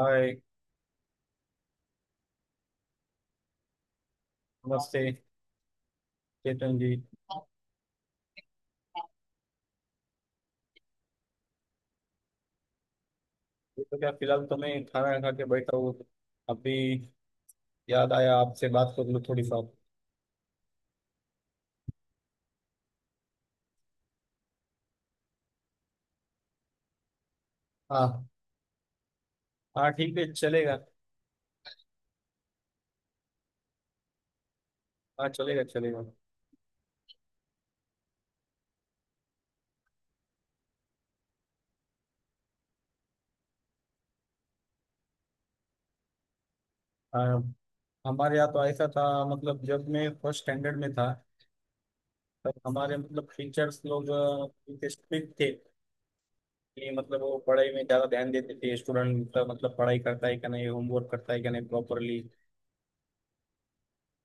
हाय। नमस्ते चेतन जी। ये तो क्या फिलहाल तो मैं खाना खा के बैठा हूँ। अभी याद आया आपसे बात कर लूँ थोड़ी सा। हाँ हाँ ठीक है चलेगा। हाँ चलेगा चलेगा। हाँ हमारे यहाँ तो ऐसा था मतलब जब मैं फर्स्ट स्टैंडर्ड में था तब हमारे मतलब टीचर्स लोग स्ट्रिक्ट थे कि मतलब वो पढ़ाई में ज़्यादा ध्यान देते थे। स्टूडेंट मतलब पढ़ाई करता है कि नहीं, होमवर्क करता है कि नहीं प्रॉपरली।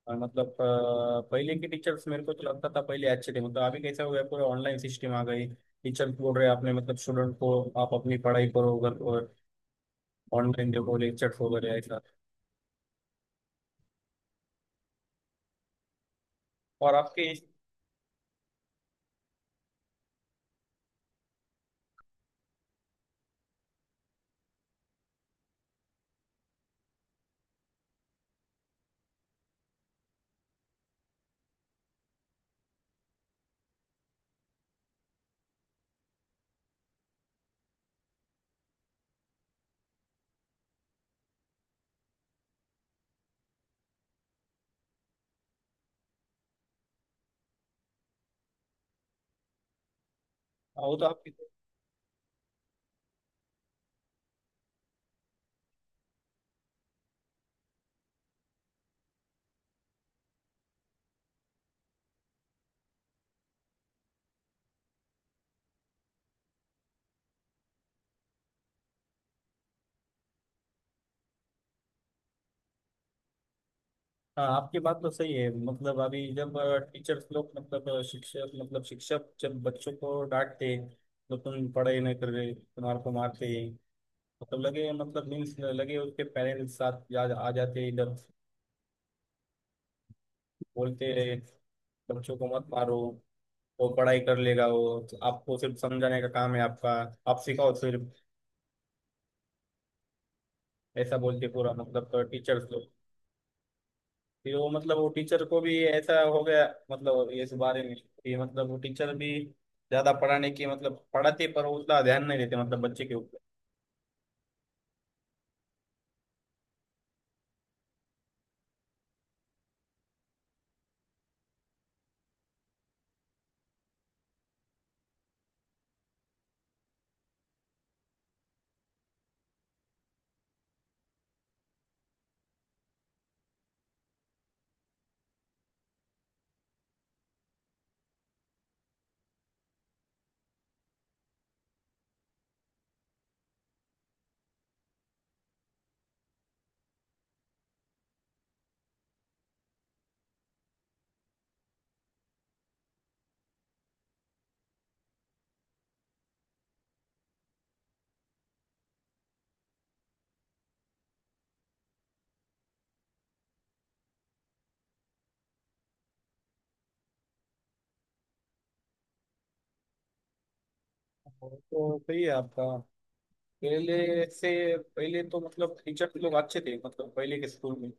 और मतलब पहले के टीचर्स मेरे को तो लगता था पहले अच्छे थे। मतलब अभी कैसा हो गया, पूरे ऑनलाइन सिस्टम आ गई। टीचर बोल रहे हैं आपने मतलब स्टूडेंट को आप अपनी पढ़ाई करो अगर, और ऑनलाइन देखो लेक्चर्स वगैरह ऐसा। और आपके वो तो आपकी, हाँ आपकी बात तो सही है। मतलब अभी जब टीचर्स लोग मतलब शिक्षक मतलब शिक्षक जब बच्चों को डांटते हैं, तो तुम पढ़ाई नहीं कर रहे तुम्हारे को मारते हैं मतलब, लगे मतलब मीन्स लगे उसके पेरेंट्स साथ आ जाते हैं इधर। बोलते हैं बच्चों को मत मारो, वो पढ़ाई कर लेगा। वो तो आपको सिर्फ समझाने का काम है आपका, आप सिखाओ सिर्फ। ऐसा बोल के पूरा मतलब टीचर्स लोग फिर वो मतलब वो टीचर को भी ऐसा हो गया मतलब इस बारे में कि मतलब वो टीचर भी ज्यादा पढ़ाने की मतलब पढ़ाते पर उतना ध्यान नहीं देते मतलब बच्चे के ऊपर। तो सही है आपका। पहले से पहले तो मतलब टीचर तो लोग अच्छे थे मतलब पहले के स्कूल में।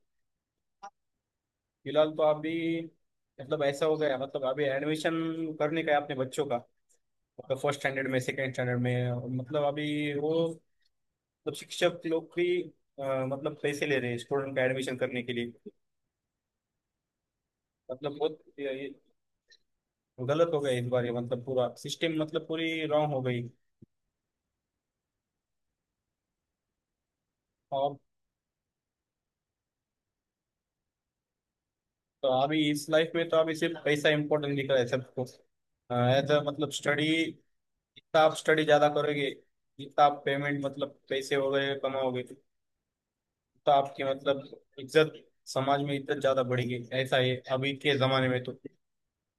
फिलहाल तो अभी मतलब ऐसा हो गया मतलब अभी एडमिशन करने का है अपने बच्चों का। फर्स्ट स्टैंडर्ड में सेकंड स्टैंडर्ड में मतलब अभी वो मतलब शिक्षक लोग भी मतलब पैसे ले रहे हैं स्टूडेंट का एडमिशन करने के लिए। मतलब बहुत ये गलत हो गया इस बार। ये मतलब पूरा सिस्टम मतलब पूरी रॉन्ग हो गई। और तो अभी इस लाइफ में तो अभी सिर्फ पैसा इम्पोर्टेंट दिख रहा है सबको। एज अ मतलब स्टडी, जितना आप स्टडी ज्यादा करोगे जितना आप पेमेंट मतलब पैसे वगैरह कमाओगे तो आपकी मतलब इज्जत, समाज में इज्जत ज्यादा बढ़ेगी। ऐसा है अभी के जमाने में तो।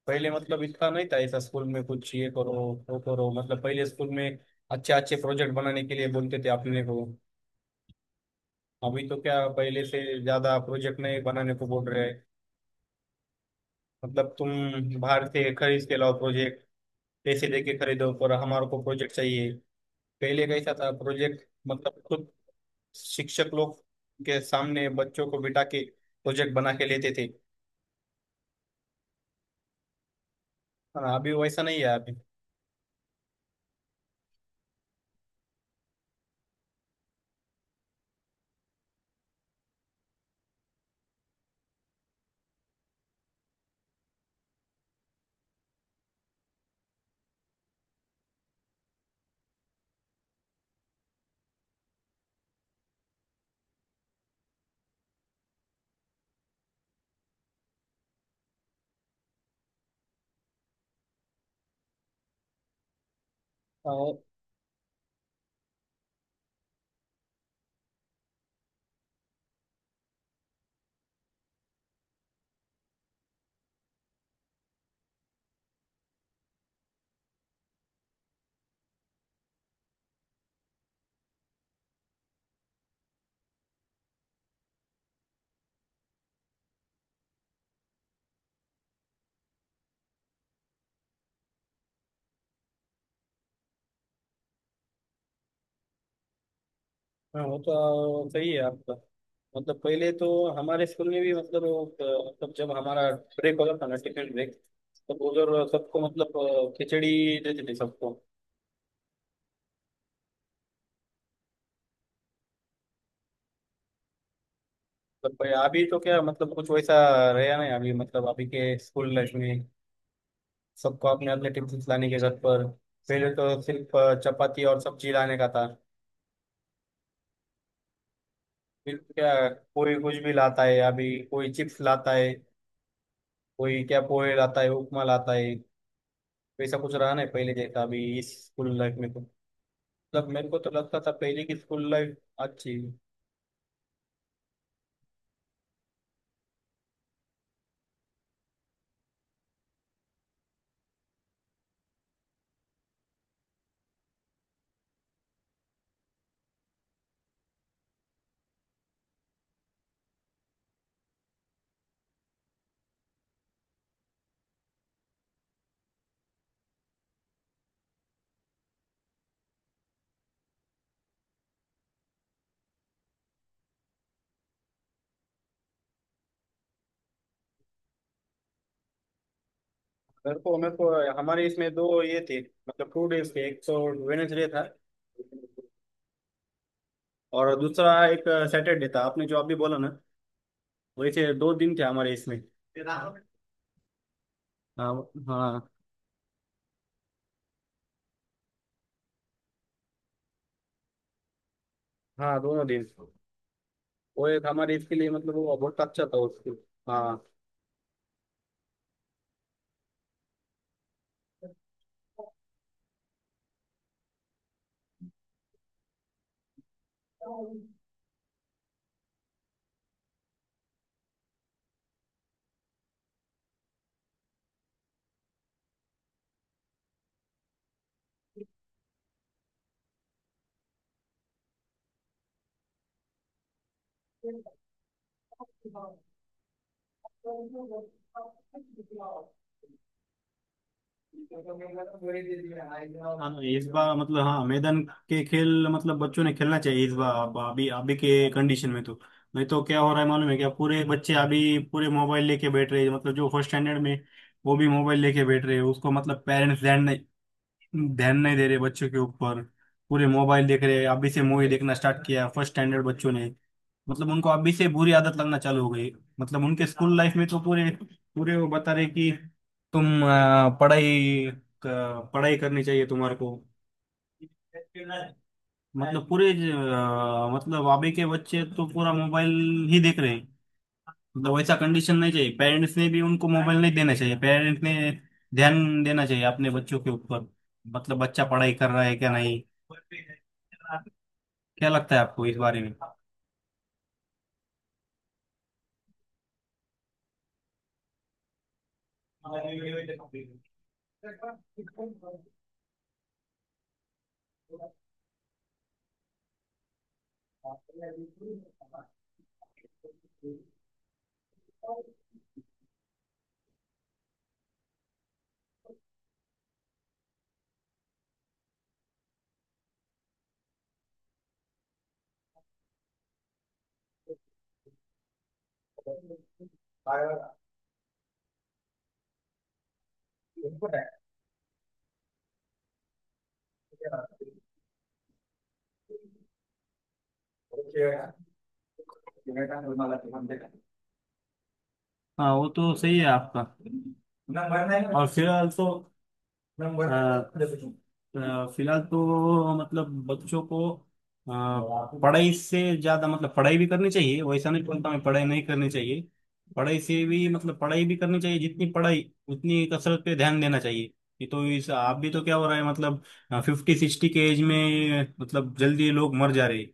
पहले मतलब इतना नहीं था ऐसा स्कूल में। कुछ ये करो वो करो मतलब पहले स्कूल में अच्छे अच्छे प्रोजेक्ट बनाने के लिए बोलते थे अपने को। अभी तो क्या पहले से ज्यादा प्रोजेक्ट नहीं बनाने को बोल रहे हैं, मतलब तुम बाहर से खरीद के लाओ प्रोजेक्ट, पैसे देके खरीदो पर हमारे को प्रोजेक्ट चाहिए। पहले कैसा था प्रोजेक्ट मतलब खुद शिक्षक लोग के सामने बच्चों को बिठा के प्रोजेक्ट बना के लेते थे। हाँ, अभी वैसा नहीं है अभी। हाँ, हाँ वो तो सही है आपका। मतलब पहले तो हमारे स्कूल में भी मतलब मतलब जब हमारा ब्रेक होता था ना, टिफिन ब्रेक, तब उधर सबको मतलब खिचड़ी देते थे सबको। मतलब भाई अभी तो क्या मतलब कुछ वैसा रहा नहीं अभी मतलब अभी के स्कूल लाइफ में। सबको अपने अपने टिफिन लाने के घर पर। पहले तो सिर्फ चपाती और सब्जी लाने का था, फिर क्या कोई कुछ भी लाता है। अभी कोई चिप्स लाता है, कोई क्या पोहे लाता है, उपमा लाता है। वैसा कुछ रहा नहीं पहले जैसा अभी इस स्कूल लाइफ में तो। मतलब मेरे को तो लगता था पहले की स्कूल लाइफ अच्छी है। मेरे को हमारे इसमें दो ये थे मतलब 2 डेज थे। एक तो वेनेसडे था और दूसरा एक सैटरडे था। आपने जो अभी बोला ना, वैसे दो दिन थे हमारे इसमें। हाँ। हाँ हाँ दोनों दिन। वो एक हमारे इसके लिए मतलब वो बहुत अच्छा था उसके। हाँ। हाँ तो इस बार मतलब, हाँ मैदान के खेल मतलब बच्चों ने खेलना चाहिए इस बार। अब अभी अभी के कंडीशन में तो नहीं तो क्या हो रहा है मालूम है क्या, पूरे बच्चे अभी पूरे मोबाइल लेके बैठ रहे हैं। मतलब जो फर्स्ट स्टैंडर्ड में वो भी मोबाइल लेके बैठ रहे हैं। उसको मतलब पेरेंट्स ध्यान नहीं दे रहे बच्चों के ऊपर। पूरे मोबाइल देख रहे हैं। अभी से मूवी देखना स्टार्ट किया फर्स्ट स्टैंडर्ड बच्चों ने। मतलब उनको अभी से बुरी आदत लगना चालू हो गई। मतलब उनके स्कूल लाइफ में तो पूरे पूरे वो बता रहे कि तुम पढ़ाई पढ़ाई करनी चाहिए तुम्हारे को मतलब पूरे। मतलब अभी के बच्चे तो पूरा मोबाइल ही देख रहे हैं। मतलब वैसा कंडीशन नहीं चाहिए, पेरेंट्स ने भी उनको मोबाइल नहीं देना चाहिए। पेरेंट्स ने ध्यान देना चाहिए अपने बच्चों के ऊपर, मतलब बच्चा पढ़ाई कर रहा है क्या नहीं। क्या लगता है आपको इस बारे में? हाँ वो तो सही है आपका। और फिलहाल तो फिलहाल तो मतलब बच्चों को पढ़ाई से ज्यादा मतलब पढ़ाई भी करनी चाहिए, वैसा नहीं बोलता मैं पढ़ाई नहीं करनी चाहिए। पढ़ाई से भी मतलब पढ़ाई भी करनी चाहिए, जितनी पढ़ाई उतनी कसरत पे ध्यान देना चाहिए। ये तो इस आप भी तो क्या हो रहा है मतलब 50-60 के एज में मतलब जल्दी लोग मर जा रहे हैं।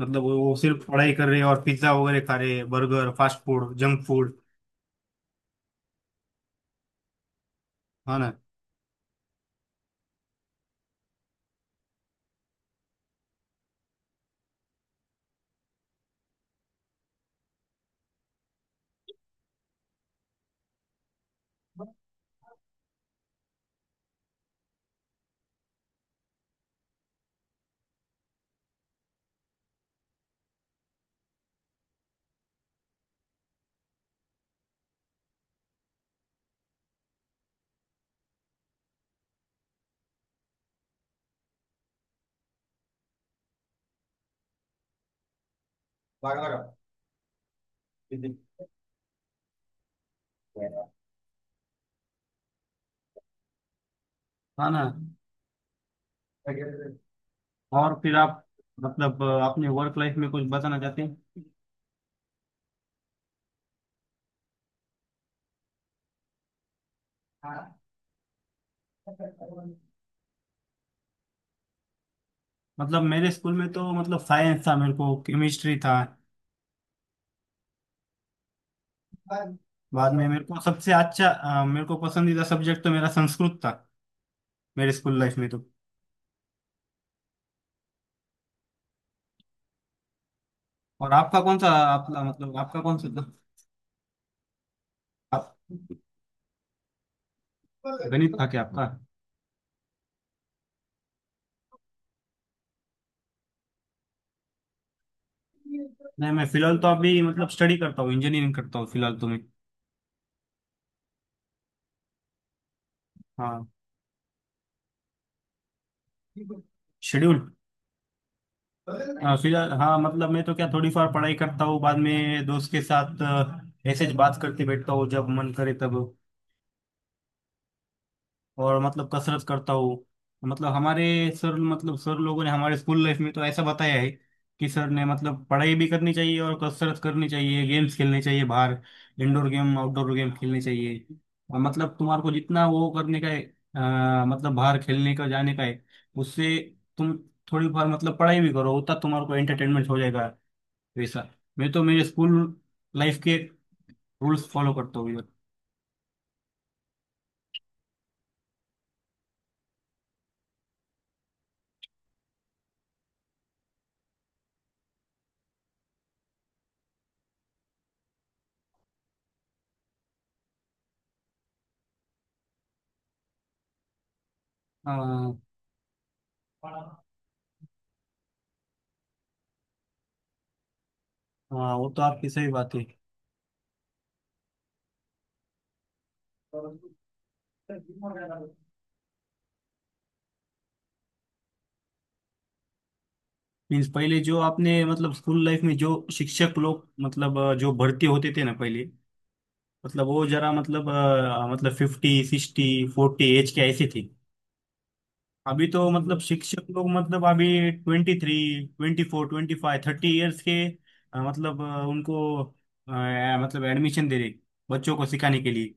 मतलब वो सिर्फ पढ़ाई कर रहे हैं और पिज्जा वगैरह खा रहे हैं, burger, fast food, junk food. है ना। है ना। और फिर आप मतलब अपने वर्क लाइफ में कुछ बताना चाहते हैं। मतलब मेरे स्कूल में तो मतलब साइंस था, मेरे को केमिस्ट्री था। बाद में मेरे को सबसे अच्छा मेरे को पसंदीदा सब्जेक्ट तो मेरा संस्कृत था मेरे स्कूल लाइफ में तो। और आपका कौन सा आपका मतलब आपका कौन सा था? आप, गणित था क्या आपका? नहीं मैं फिलहाल तो अभी मतलब स्टडी करता हूँ, इंजीनियरिंग करता हूँ फिलहाल तो मैं। हाँ शेड्यूल। हाँ, फिलहाल हाँ मतलब मैं तो क्या थोड़ी फार पढ़ाई करता हूँ, बाद में दोस्त के साथ ऐसे ही बात करते बैठता हूँ जब मन करे तब। और मतलब कसरत करता हूँ। मतलब हमारे सर मतलब सर लोगों ने हमारे स्कूल लाइफ में तो ऐसा बताया है कि सर ने मतलब पढ़ाई भी करनी चाहिए और कसरत करनी चाहिए, गेम्स खेलने चाहिए बाहर, इंडोर गेम आउटडोर गेम खेलने चाहिए। और मतलब तुम्हारे को जितना वो करने का है मतलब बाहर खेलने का जाने का है, उससे तुम थोड़ी बार मतलब पढ़ाई भी करो उतना तुम्हारे को एंटरटेनमेंट हो जाएगा वैसा। मैं तो मेरे स्कूल लाइफ के रूल्स फॉलो करता हूँ इधर। हाँ। हाँ, वो तो आपकी सही बात है। मीन्स पहले जो आपने मतलब स्कूल लाइफ में जो शिक्षक लोग मतलब जो भर्ती होते थे ना पहले, मतलब वो जरा मतलब मतलब 50-60-40 एज के ऐसे थे। अभी तो मतलब शिक्षक लोग मतलब अभी 23, 24, 25, 30 ईयर्स के मतलब उनको अ, मतलब एडमिशन दे रहे बच्चों को सिखाने के लिए।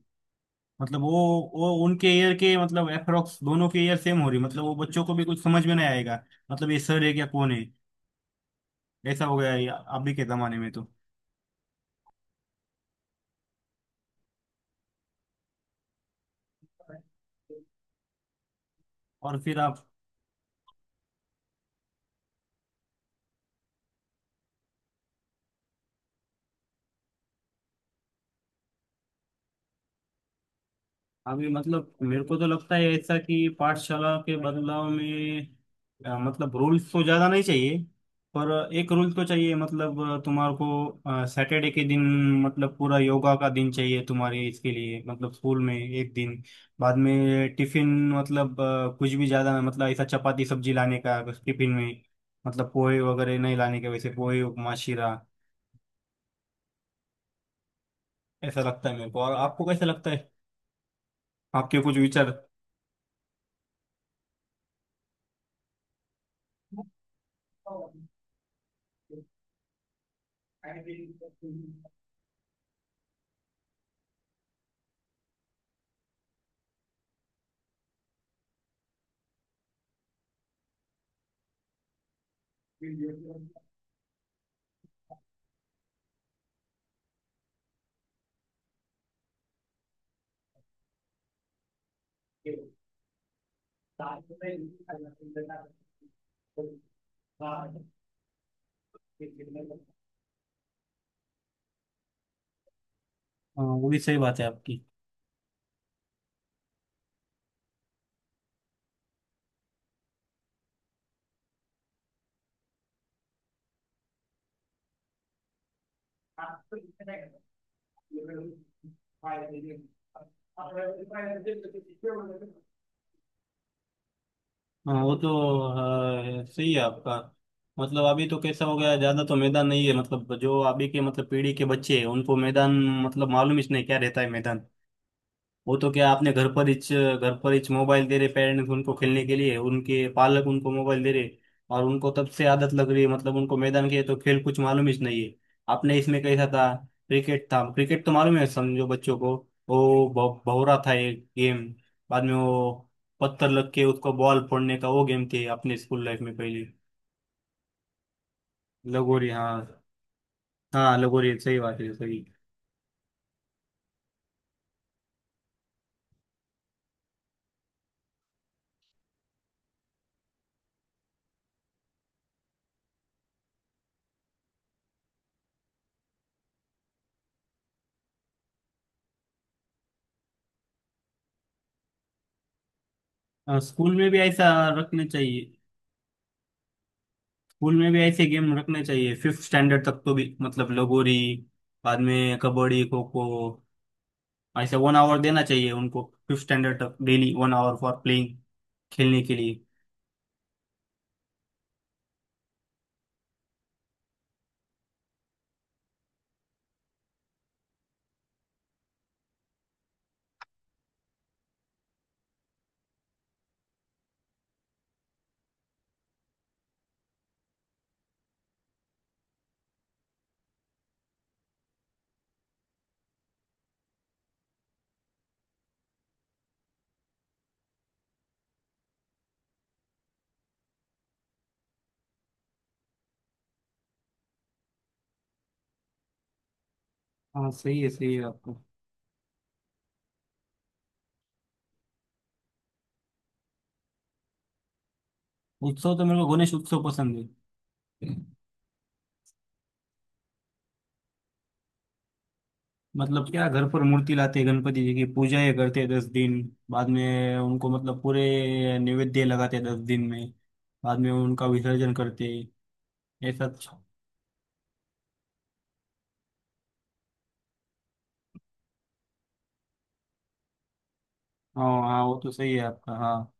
मतलब वो उनके ईयर के मतलब अप्रोक्स दोनों के ईयर सेम हो रही, मतलब वो बच्चों को भी कुछ समझ में नहीं आएगा मतलब ये सर है क्या कौन है, ऐसा हो गया है अभी के जमाने में तो। और फिर आप अभी मतलब मेरे को तो लगता है ऐसा कि पाठशाला के बदलाव में मतलब रूल्स तो ज्यादा नहीं चाहिए, पर एक रूल तो चाहिए मतलब तुम्हारे को सैटरडे के दिन मतलब पूरा योगा का दिन चाहिए तुम्हारे इसके लिए मतलब स्कूल में एक दिन। बाद में टिफिन मतलब कुछ भी ज्यादा मतलब ऐसा चपाती सब्जी लाने का टिफिन में। मतलब पोहे वगैरह नहीं लाने के, वैसे पोहे उपमा शीरा, ऐसा लगता है मेरे को। और आपको कैसा लगता है, आपके कुछ विचार? हाँ वो भी सही बात है आपकी। हाँ वो तो सही है आपका। मतलब अभी तो कैसा हो गया, ज्यादा तो मैदान नहीं है मतलब जो अभी के मतलब पीढ़ी के बच्चे हैं उनको मैदान मतलब मालूम ही नहीं क्या रहता है मैदान। वो तो क्या आपने घर पर हिच मोबाइल दे रहे पेरेंट्स उनको खेलने के लिए, उनके पालक उनको मोबाइल दे रहे। और उनको तब से आदत लग रही है मतलब उनको मैदान के तो खेल कुछ मालूम ही नहीं है। आपने इसमें कैसा था, क्रिकेट था क्रिकेट तो मालूम है समझो बच्चों को। वो भौरा था एक गेम। बाद में वो पत्थर लग के उसको बॉल फोड़ने का वो गेम थे अपने स्कूल लाइफ में पहले। लगोरी हाँ। हाँ लगोरी सही बात है, सही। हाँ, स्कूल में भी ऐसा रखना चाहिए, स्कूल में भी ऐसे गेम रखने चाहिए फिफ्थ स्टैंडर्ड तक तो भी। मतलब लगोरी बाद में कबड्डी खो खो ऐसे 1 आवर देना चाहिए उनको फिफ्थ स्टैंडर्ड तक, डेली 1 आवर फॉर प्लेइंग खेलने के लिए। हाँ सही है आपको। उत्सव तो मेरे को गणेश उत्सव पसंद है। मतलब क्या घर पर मूर्ति लाते हैं, गणपति जी की पूजा ये करते हैं 10 दिन। बाद में उनको मतलब पूरे नैवेद्य लगाते हैं 10 दिन में, बाद में उनका विसर्जन करते हैं ऐसा अच्छा। हाँ हाँ वो तो सही है आपका। हाँ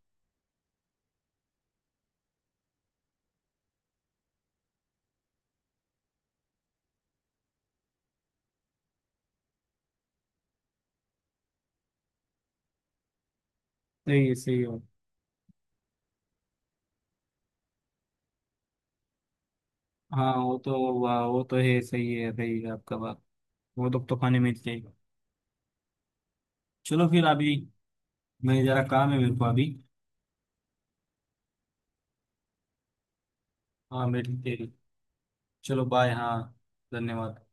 सही है सही है। हाँ वो तो वाह, वो तो है, सही है सही है आपका बात। वो लोग तो खाने में चाहिए। चलो फिर अभी मैं, जरा काम है मेरे को अभी। हाँ मेरी तेरी। चलो बाय। हाँ धन्यवाद।